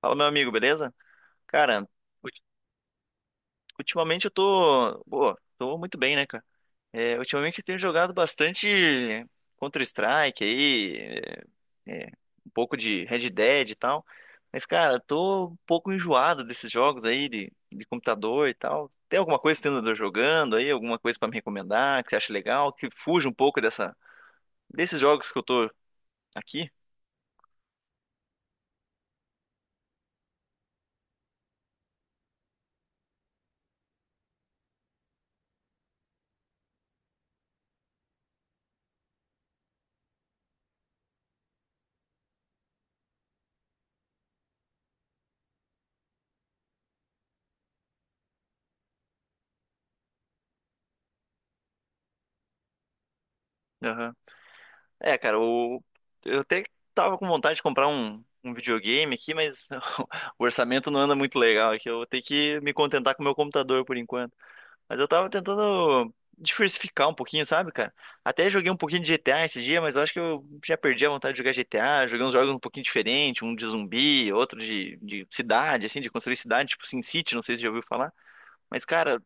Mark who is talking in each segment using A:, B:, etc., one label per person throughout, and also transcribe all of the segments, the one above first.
A: Fala, meu amigo, beleza? Cara, ulti- ultimamente eu tô, pô, tô muito bem, né, cara? É, ultimamente eu tenho jogado bastante Counter-Strike aí, é, é, um pouco de Red Dead e tal. Mas, cara, tô um pouco enjoado desses jogos aí de computador e tal. Tem alguma coisa que você anda jogando aí? Alguma coisa pra me recomendar que você acha legal? Que fuja um pouco desses jogos que eu tô aqui? É, cara, o... Eu até tava com vontade de comprar um videogame aqui, mas o orçamento não anda muito legal aqui. Eu vou ter que me contentar com o meu computador por enquanto. Mas eu tava tentando diversificar um pouquinho, sabe, cara? Até joguei um pouquinho de GTA esse dia, mas eu acho que eu já perdi a vontade de jogar GTA. Joguei uns jogos um pouquinho diferentes, um de zumbi, outro de cidade, assim, de construir cidade, tipo SimCity, não sei se você já ouviu falar. Mas, cara,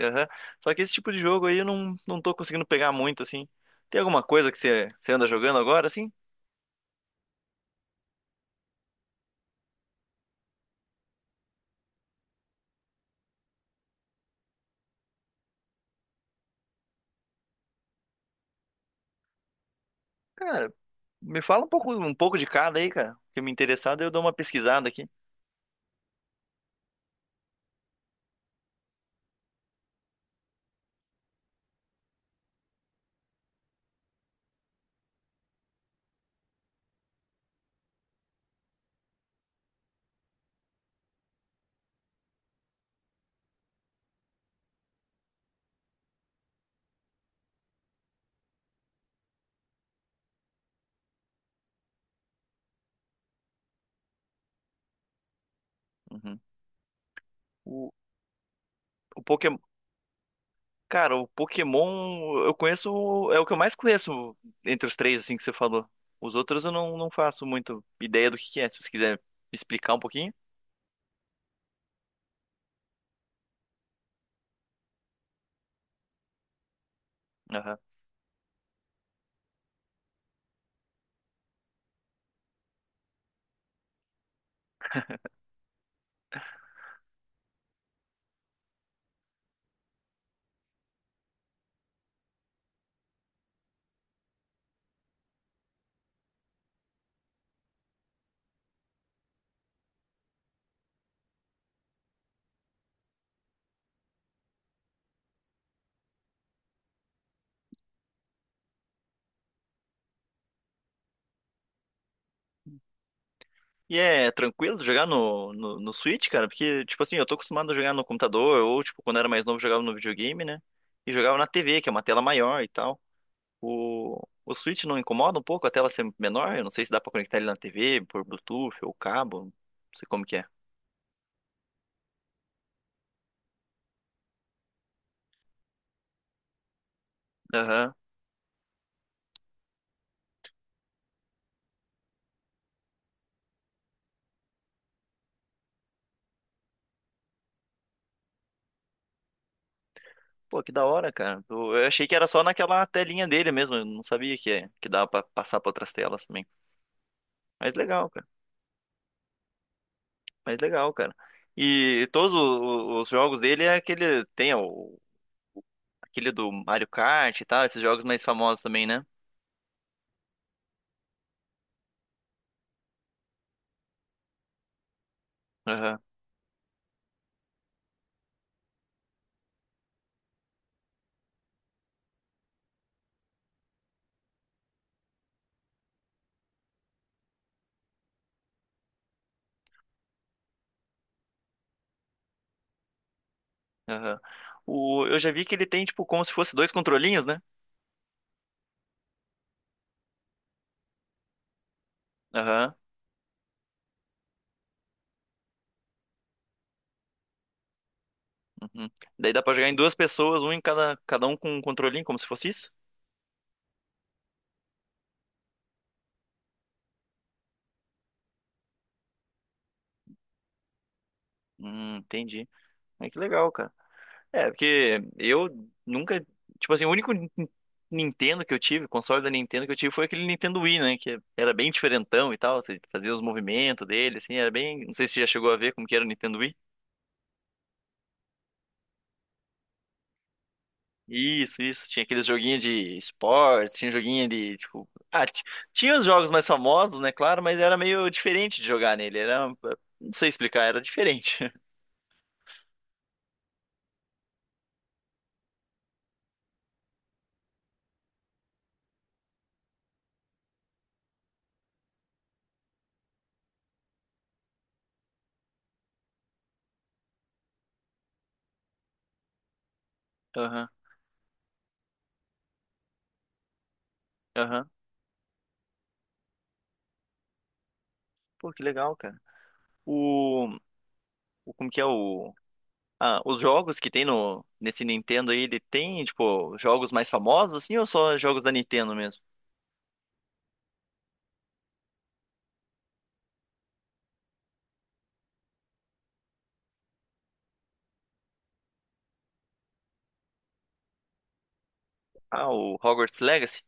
A: aham. Só que esse tipo de jogo aí eu não tô conseguindo pegar muito, assim. Tem alguma coisa que você anda jogando agora, assim? Cara, me fala um pouco de cada aí, cara. Que me interessado, eu dou uma pesquisada aqui. Uhum. O, o Pokémon. Cara, o Pokémon eu conheço. É o que eu mais conheço entre os três, assim, que você falou. Os outros eu não faço muito ideia do que é. Se você quiser me explicar um pouquinho. E é tranquilo de jogar no Switch, cara? Porque, tipo assim, eu tô acostumado a jogar no computador, ou, tipo, quando era mais novo, jogava no videogame, né? E jogava na TV, que é uma tela maior e tal. O, o Switch não incomoda um pouco a tela ser menor? Eu não sei se dá pra conectar ele na TV, por Bluetooth ou cabo, não sei como que é. Aham. Pô, que da hora, cara. Eu achei que era só naquela telinha dele mesmo, eu não sabia que, que dava pra passar pra outras telas também. Mas legal, cara. Mas legal, cara. E todos os jogos dele é aquele. Tem o aquele do Mario Kart e tal, esses jogos mais famosos também, né? Aham, aham. O, eu já vi que ele tem, tipo, como se fosse dois controlinhos, né? Aham, uhum. Daí dá pra jogar em duas pessoas, um em cada, cada um com um controlinho, como se fosse isso? Entendi. É que legal, cara. É, porque eu nunca, tipo assim, o único Nintendo que eu tive, console da Nintendo que eu tive foi aquele Nintendo Wii, né? Que era bem diferentão e tal, você fazia os movimentos dele, assim, era bem, não sei se você já chegou a ver como que era o Nintendo Wii. Isso, isso. Tinha aqueles joguinhos de esportes, tinha joguinho de, tipo... Ah, tinha os jogos mais famosos, né, claro, mas era meio diferente de jogar nele. Era... Não sei explicar, era diferente. Aham, aham. Pô, que legal, cara. O... o... Como que é o... Ah, os jogos que tem no nesse Nintendo aí, ele tem, tipo, jogos mais famosos, assim, ou só jogos da Nintendo mesmo? Ah, o Hogwarts Legacy?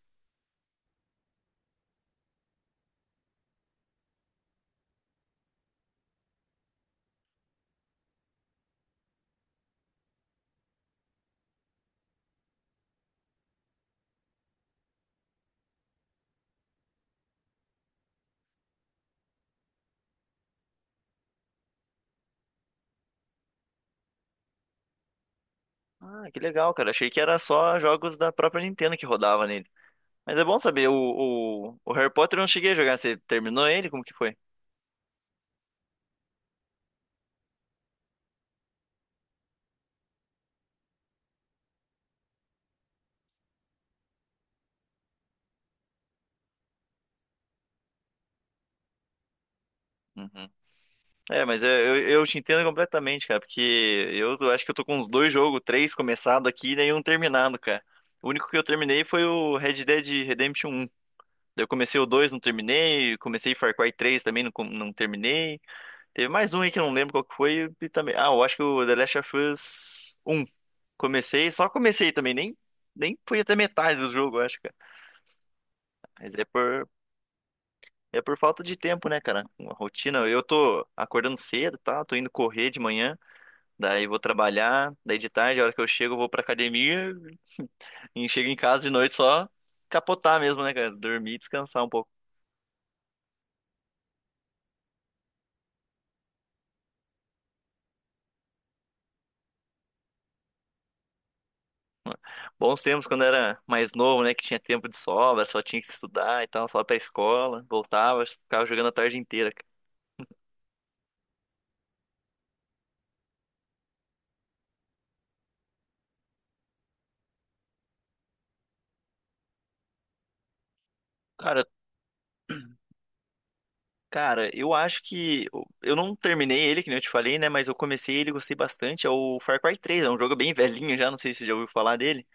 A: Ah, que legal, cara. Achei que era só jogos da própria Nintendo que rodava nele. Mas é bom saber, o Harry Potter eu não cheguei a jogar. Você terminou ele? Como que foi? Uhum. É, mas eu te entendo completamente, cara, porque eu acho que eu tô com uns dois jogos, três começado aqui e nenhum terminado, cara. O único que eu terminei foi o Red Dead Redemption um. Eu comecei o 2 não terminei. Comecei Far Cry três também, não terminei. Teve mais um aí que eu não lembro qual que foi. E também... Ah, eu acho que o The Last of Us um comecei, só comecei também. Nem fui até metade do jogo, eu acho, cara. Mas é é por falta de tempo, né, cara? Uma rotina. Eu tô acordando cedo, tá? Tô indo correr de manhã. Daí vou trabalhar. Daí de tarde, a hora que eu chego, eu vou pra academia. E chego em casa de noite só capotar mesmo, né, cara? Dormir e descansar um pouco. Bons tempos quando era mais novo, né? Que tinha tempo de sobra, só tinha que estudar e tal, só pra escola, voltava, ficava jogando a tarde inteira. Cara, cara, eu acho que eu não terminei ele, que nem eu te falei, né? Mas eu comecei ele, e gostei bastante. O Far Cry três é um jogo bem velhinho já, não sei se você já ouviu falar dele.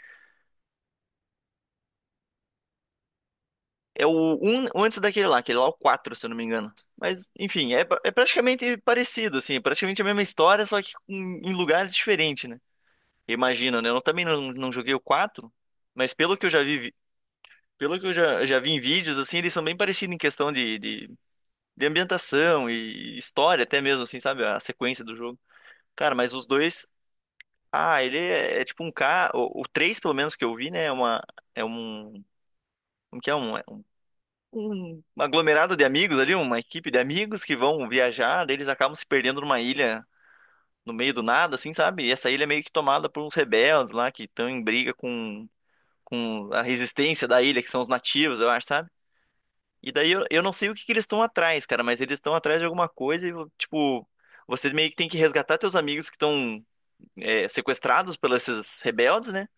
A: É o um antes daquele lá, aquele lá é o 4 se eu não me engano. Mas, enfim, é, é praticamente parecido, assim, é praticamente a mesma história, só que em, em lugares diferentes, né? Imagina, né? Eu também não joguei o quatro. Mas pelo que eu já vi, pelo que eu já vi em vídeos, assim, eles são bem parecidos em questão de ambientação e história até mesmo, assim, sabe? A sequência do jogo. Cara, mas os dois... Ah, é tipo um K... o 3, pelo menos, que eu vi, né? É uma... É um... Como que é? Um, é um aglomerado de amigos ali, uma equipe de amigos que vão viajar, daí eles acabam se perdendo numa ilha no meio do nada, assim, sabe? E essa ilha é meio que tomada por uns rebeldes lá que estão em briga com a resistência da ilha, que são os nativos, eu acho, sabe? E daí eu não sei o que que eles estão atrás, cara, mas eles estão atrás de alguma coisa e, tipo, você meio que tem que resgatar teus amigos que estão é, sequestrados pelos esses rebeldes, né?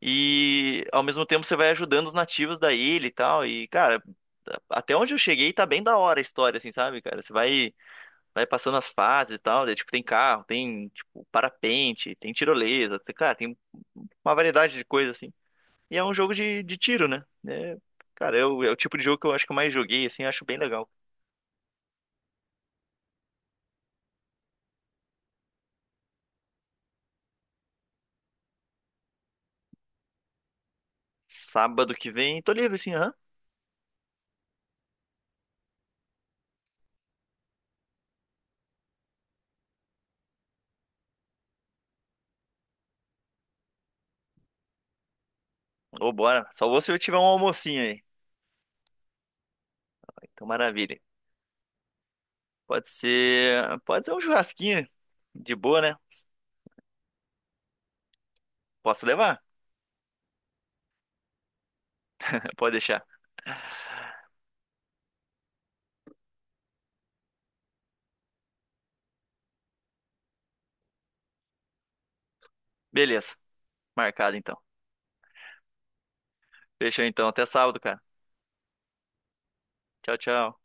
A: E ao mesmo tempo você vai ajudando os nativos da ilha e tal. E, cara, até onde eu cheguei tá bem da hora a história, assim, sabe, cara? Você vai, vai passando as fases e tal, daí, tipo, tem carro, tem, tipo, parapente, tem tirolesa, cara, tem uma variedade de coisa, assim. E é um jogo de tiro, né? É, cara, eu, é o tipo de jogo que eu acho que eu mais joguei, assim, eu acho bem legal. Sábado que vem, tô livre assim, aham. Ou bora. Só vou se eu tiver um almocinho aí. Então, maravilha. Pode ser um churrasquinho de boa, né? Posso levar? Pode deixar. Beleza. Marcado então. Fechou então. Até sábado, cara. Tchau, tchau.